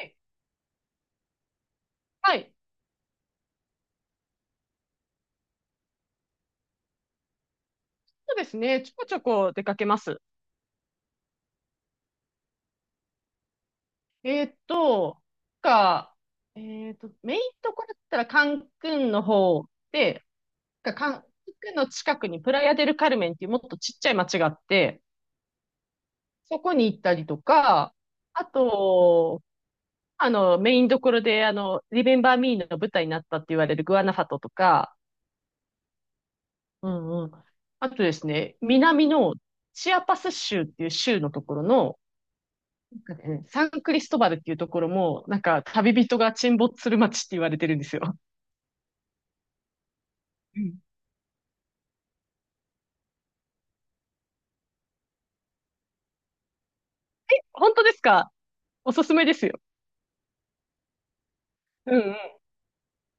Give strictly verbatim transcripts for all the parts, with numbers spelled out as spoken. い。はい。そうですね。ちょこちょこ出かけます。えーっと、か、えーっと、メインとこだったらカンクンの方で、かカンクンの近くにプラヤデルカルメンっていうもっとちっちゃい町があって、そこに行ったりとか、あと、あの、メインどころで、あの、リメンバーミーの舞台になったって言われるグアナファトとか、うんうん。あとですね、南のチアパス州っていう州のところの、なんかね、サンクリストバルっていうところも、なんか旅人が沈没する街って言われてるんですよ。うん。本当ですか？おすすめですよ。うんうん。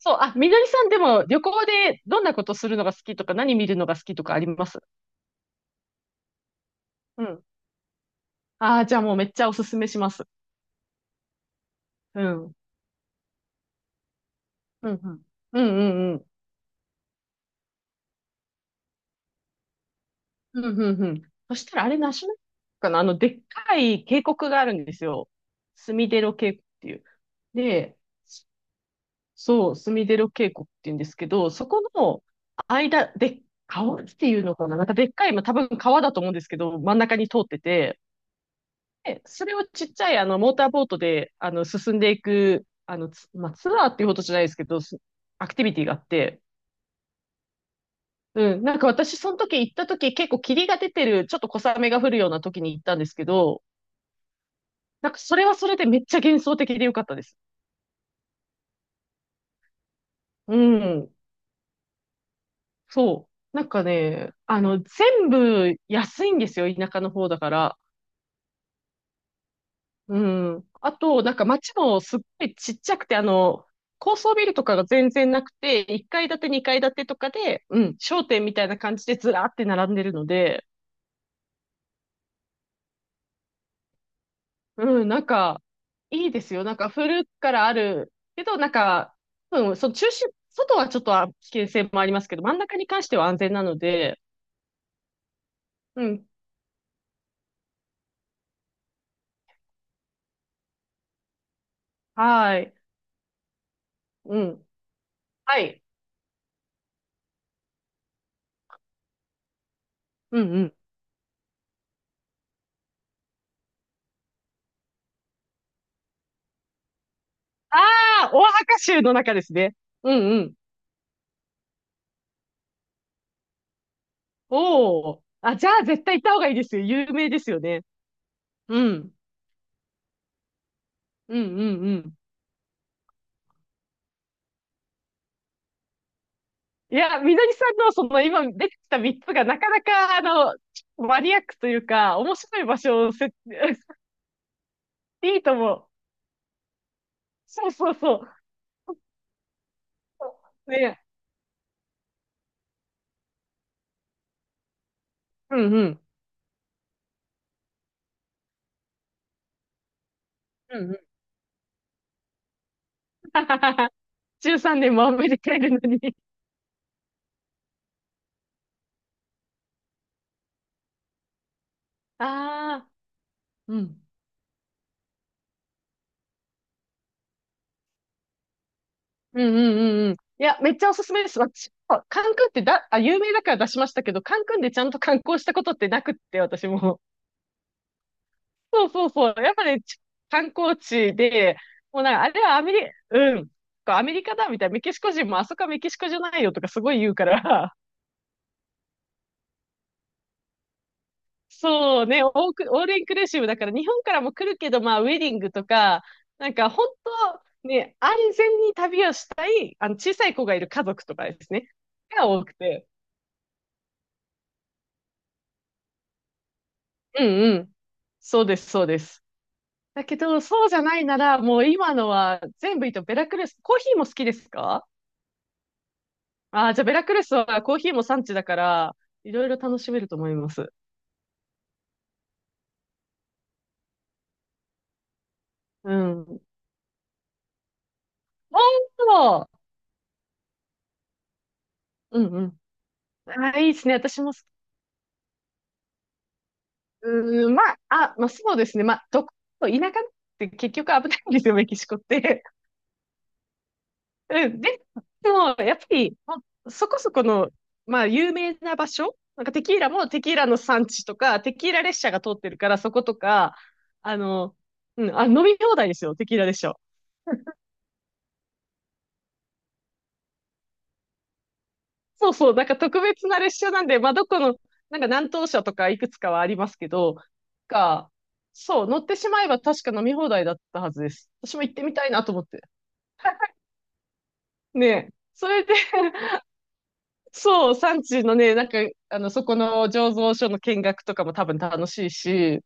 そう、あ、みのりさんでも旅行でどんなことするのが好きとか何見るのが好きとかあります？うん。ああ、じゃあもうめっちゃおすすめします。うん。うんうんうんうんうん。うんうんうん。そしたらあれナショナルかな、あの、でっかい渓谷があるんですよ。スミデロ渓谷っていう。で、そう、スミデロ渓谷って言うんですけど、そこの間で、川っていうのかな、なんかでっかい、まあ、多分川だと思うんですけど、真ん中に通ってて、で、それをちっちゃい、あのモーターボートで、あの進んでいく、あのツまあ、ツアーっていうほどじゃないですけど、すアクティビティがあって、うん、なんか私その時行った時結構霧が出てる、ちょっと小雨が降るような時に行ったんですけど、なんかそれはそれでめっちゃ幻想的でよかったです。うん。そう。なんかね、あの、全部安いんですよ、田舎の方だから。うん。あと、なんか街もすっごいちっちゃくて、あの、高層ビルとかが全然なくて、いっかい建て、にかい建てとかで、うん、商店みたいな感じでずらーって並んでるので、うん、なんか、いいですよ。なんか古くからあるけど、なんか、うん、その中心、外はちょっと危険性もありますけど、真ん中に関しては安全なので、うん、はい、うん、はい、うん、うん。ああ、オアハカ州の中ですね。うんうん。おお。あ、じゃあ絶対行った方がいいですよ。有名ですよね。うん。うんうんうん。いや、みのりさんのその今出てきたみっつがなかなかあの、マニアックというか、面白い場所をせ、いいと思う。そうそうそう。ね。うんうん。うんうん。じゅうさんねんもアメリカいるのに。ああ。うん。うんうんうんうん。いや、めっちゃおすすめです。私、あカンクンってだ、あ、有名だから出しましたけど、カンクンでちゃんと観光したことってなくって、私も。そうそうそう。やっぱり、ち観光地で、もうなんか、あれはアメリ、うん、こうアメリカだみたいな、メキシコ人もあそこはメキシコじゃないよとかすごい言うから、そうね、オーク、オールインクルーシブだから日本からも来るけど、まあ、ウェディングとか、なんか本当、ね、安全に旅をしたい、あの、小さい子がいる家族とかですね、が多くて。うんうん。そうです、そうです。だけど、そうじゃないなら、もう今のは全部いいと、ベラクルス、コーヒーも好きですか？ああー、じゃあベラクルスはコーヒーも産地だから、いろいろ楽しめると思います。うん。本当。うんうん。ああ、いいですね。私も好き、うーん、まあ、あ、まあそうですね。まあ、どこ、田舎って結局危ないんですよ、メキシコって。うん、で、でも、やっぱり、まあそこそこの、まあ、有名な場所、なんかテキーラもテキーラの産地とか、テキーラ列車が通ってるから、そことか、あの、うん、あ、飲み放題ですよ、テキーラ列車。そうそう、なんか特別な列車なんで、まあ、どこの、なんか南東車とかいくつかはありますけど、が、そう、乗ってしまえば確か飲み放題だったはずです。私も行ってみたいなと思って。ねえ、それで そう、産地のね、なんか、あの、そこの醸造所の見学とかも多分楽しいし、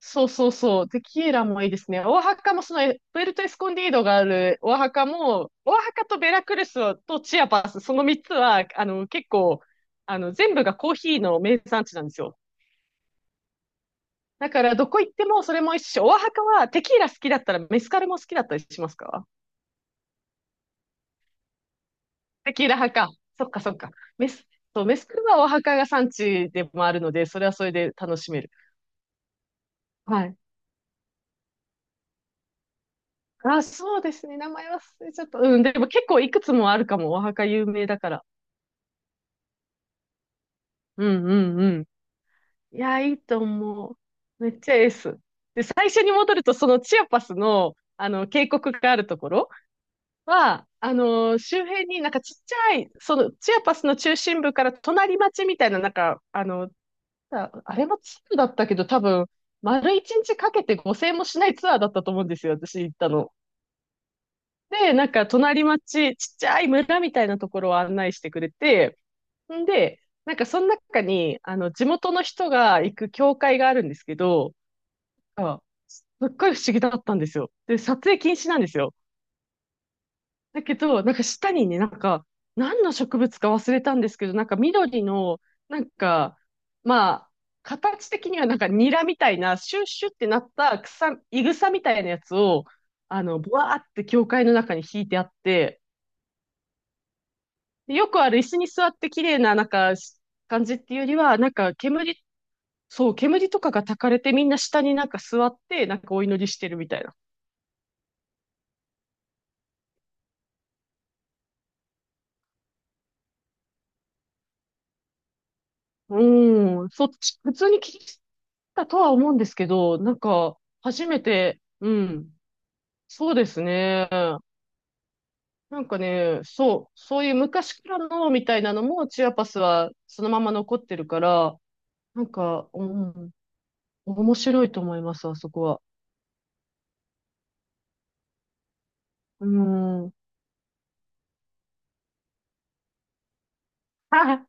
そうそうそう、テキーラもいいですね。オアハカもその、プエルトエスコンディードがあるオアハカも、オアハカとベラクルスとチアパス、そのみっつは、あの、結構、あの、全部がコーヒーの名産地なんですよ。だから、どこ行ってもそれも一緒。オアハカはテキーラ好きだったらメスカルも好きだったりしますか？テキーラ派か。そっかそっか。メス、そう、メスカルはオアハカが産地でもあるので、それはそれで楽しめる。はい。あ、そうですね。名前忘れちゃった。うん。でも結構いくつもあるかも。お墓有名だから。うんうんうん。いや、いいと思う。めっちゃエース。で、最初に戻ると、そのチアパスの、あの、渓谷があるところは、あのー周辺になんかちっちゃい、その、チアパスの中心部から隣町みたいな、なんか、あの、あ、あれもツアーだったけど、多分、丸一日かけてごせんもしないツアーだったと思うんですよ。私行ったの。で、なんか隣町、ちっちゃい村みたいなところを案内してくれて、んで、なんかその中に、あの、地元の人が行く教会があるんですけど、あすっごい不思議だったんですよ。で、撮影禁止なんですよ。だけど、なんか下にね、なんか、何の植物か忘れたんですけど、なんか緑の、なんか、まあ、形的にはなんかニラみたいな、シュッシュってなった草、いぐさみたいなやつを、あの、ブワーって教会の中に引いてあって、よくある椅子に座って綺麗ななんかし感じっていうよりは、なんか煙、そう、煙とかが焚かれてみんな下になんか座ってなんかお祈りしてるみたいな。うん、そっち、普通に聞いたとは思うんですけど、なんか初めて、うん、そうですね。なんかね、そう、そういう昔からのみたいなのもチアパスはそのまま残ってるから、なんか、うん、面白いと思います、あそこは。うん。はい。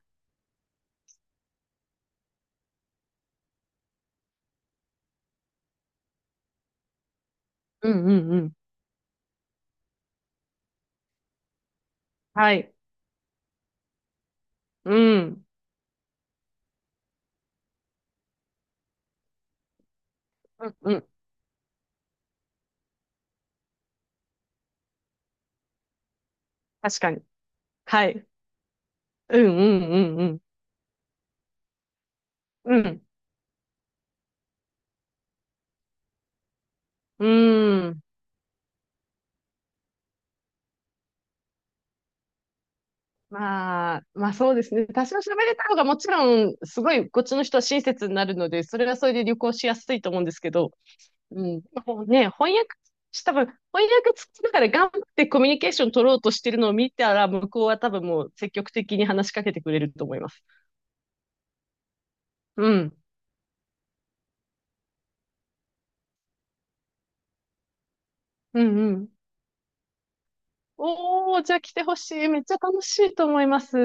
うんうんうん。はい。うん。うん、うん。確かに。はい。うん、うん、うん、うん。うん。うーん。まあ、まあそうですね。多少喋れた方がもちろん、すごい、こっちの人は親切になるので、それはそれで旅行しやすいと思うんですけど、うん。でもね、翻訳、多分、翻訳つきながら頑張ってコミュニケーション取ろうとしてるのを見たら、向こうは多分もう積極的に話しかけてくれると思います。うん。うん、うん。おー、じゃあ来てほしい。めっちゃ楽しいと思います。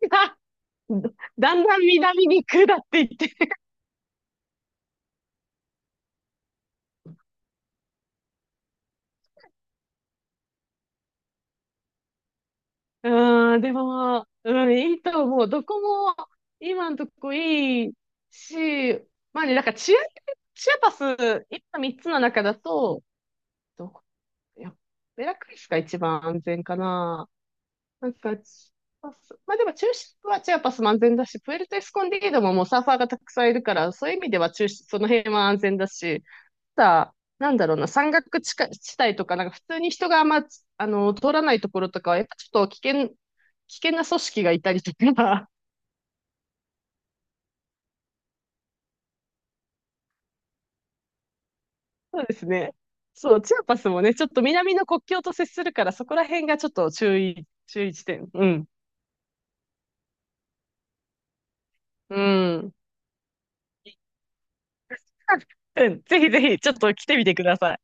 だんだん南に下っていって。うん、でも、うん、いいと思う。どこも今んとこいいし、まあね、なんかチア、チアパス、今三つの中だと、どこ、いや、ベラクリスが一番安全かな。なんか、チアパス、まあでも中心はチアパスも安全だし、プエルトエスコンディードももうサーファーがたくさんいるから、そういう意味では中心、その辺は安全だし、た、なんだろうな、山岳地下地帯とか、なんか普通に人があんま、あの、通らないところとかは、やっぱちょっと危険、危険な組織がいたりとか、そうですね。そう、チアパスもね、ちょっと南の国境と接するから、そこら辺がちょっと注意、注意地点。うん。うん。うん。ぜひぜひ、ちょっと来てみてください。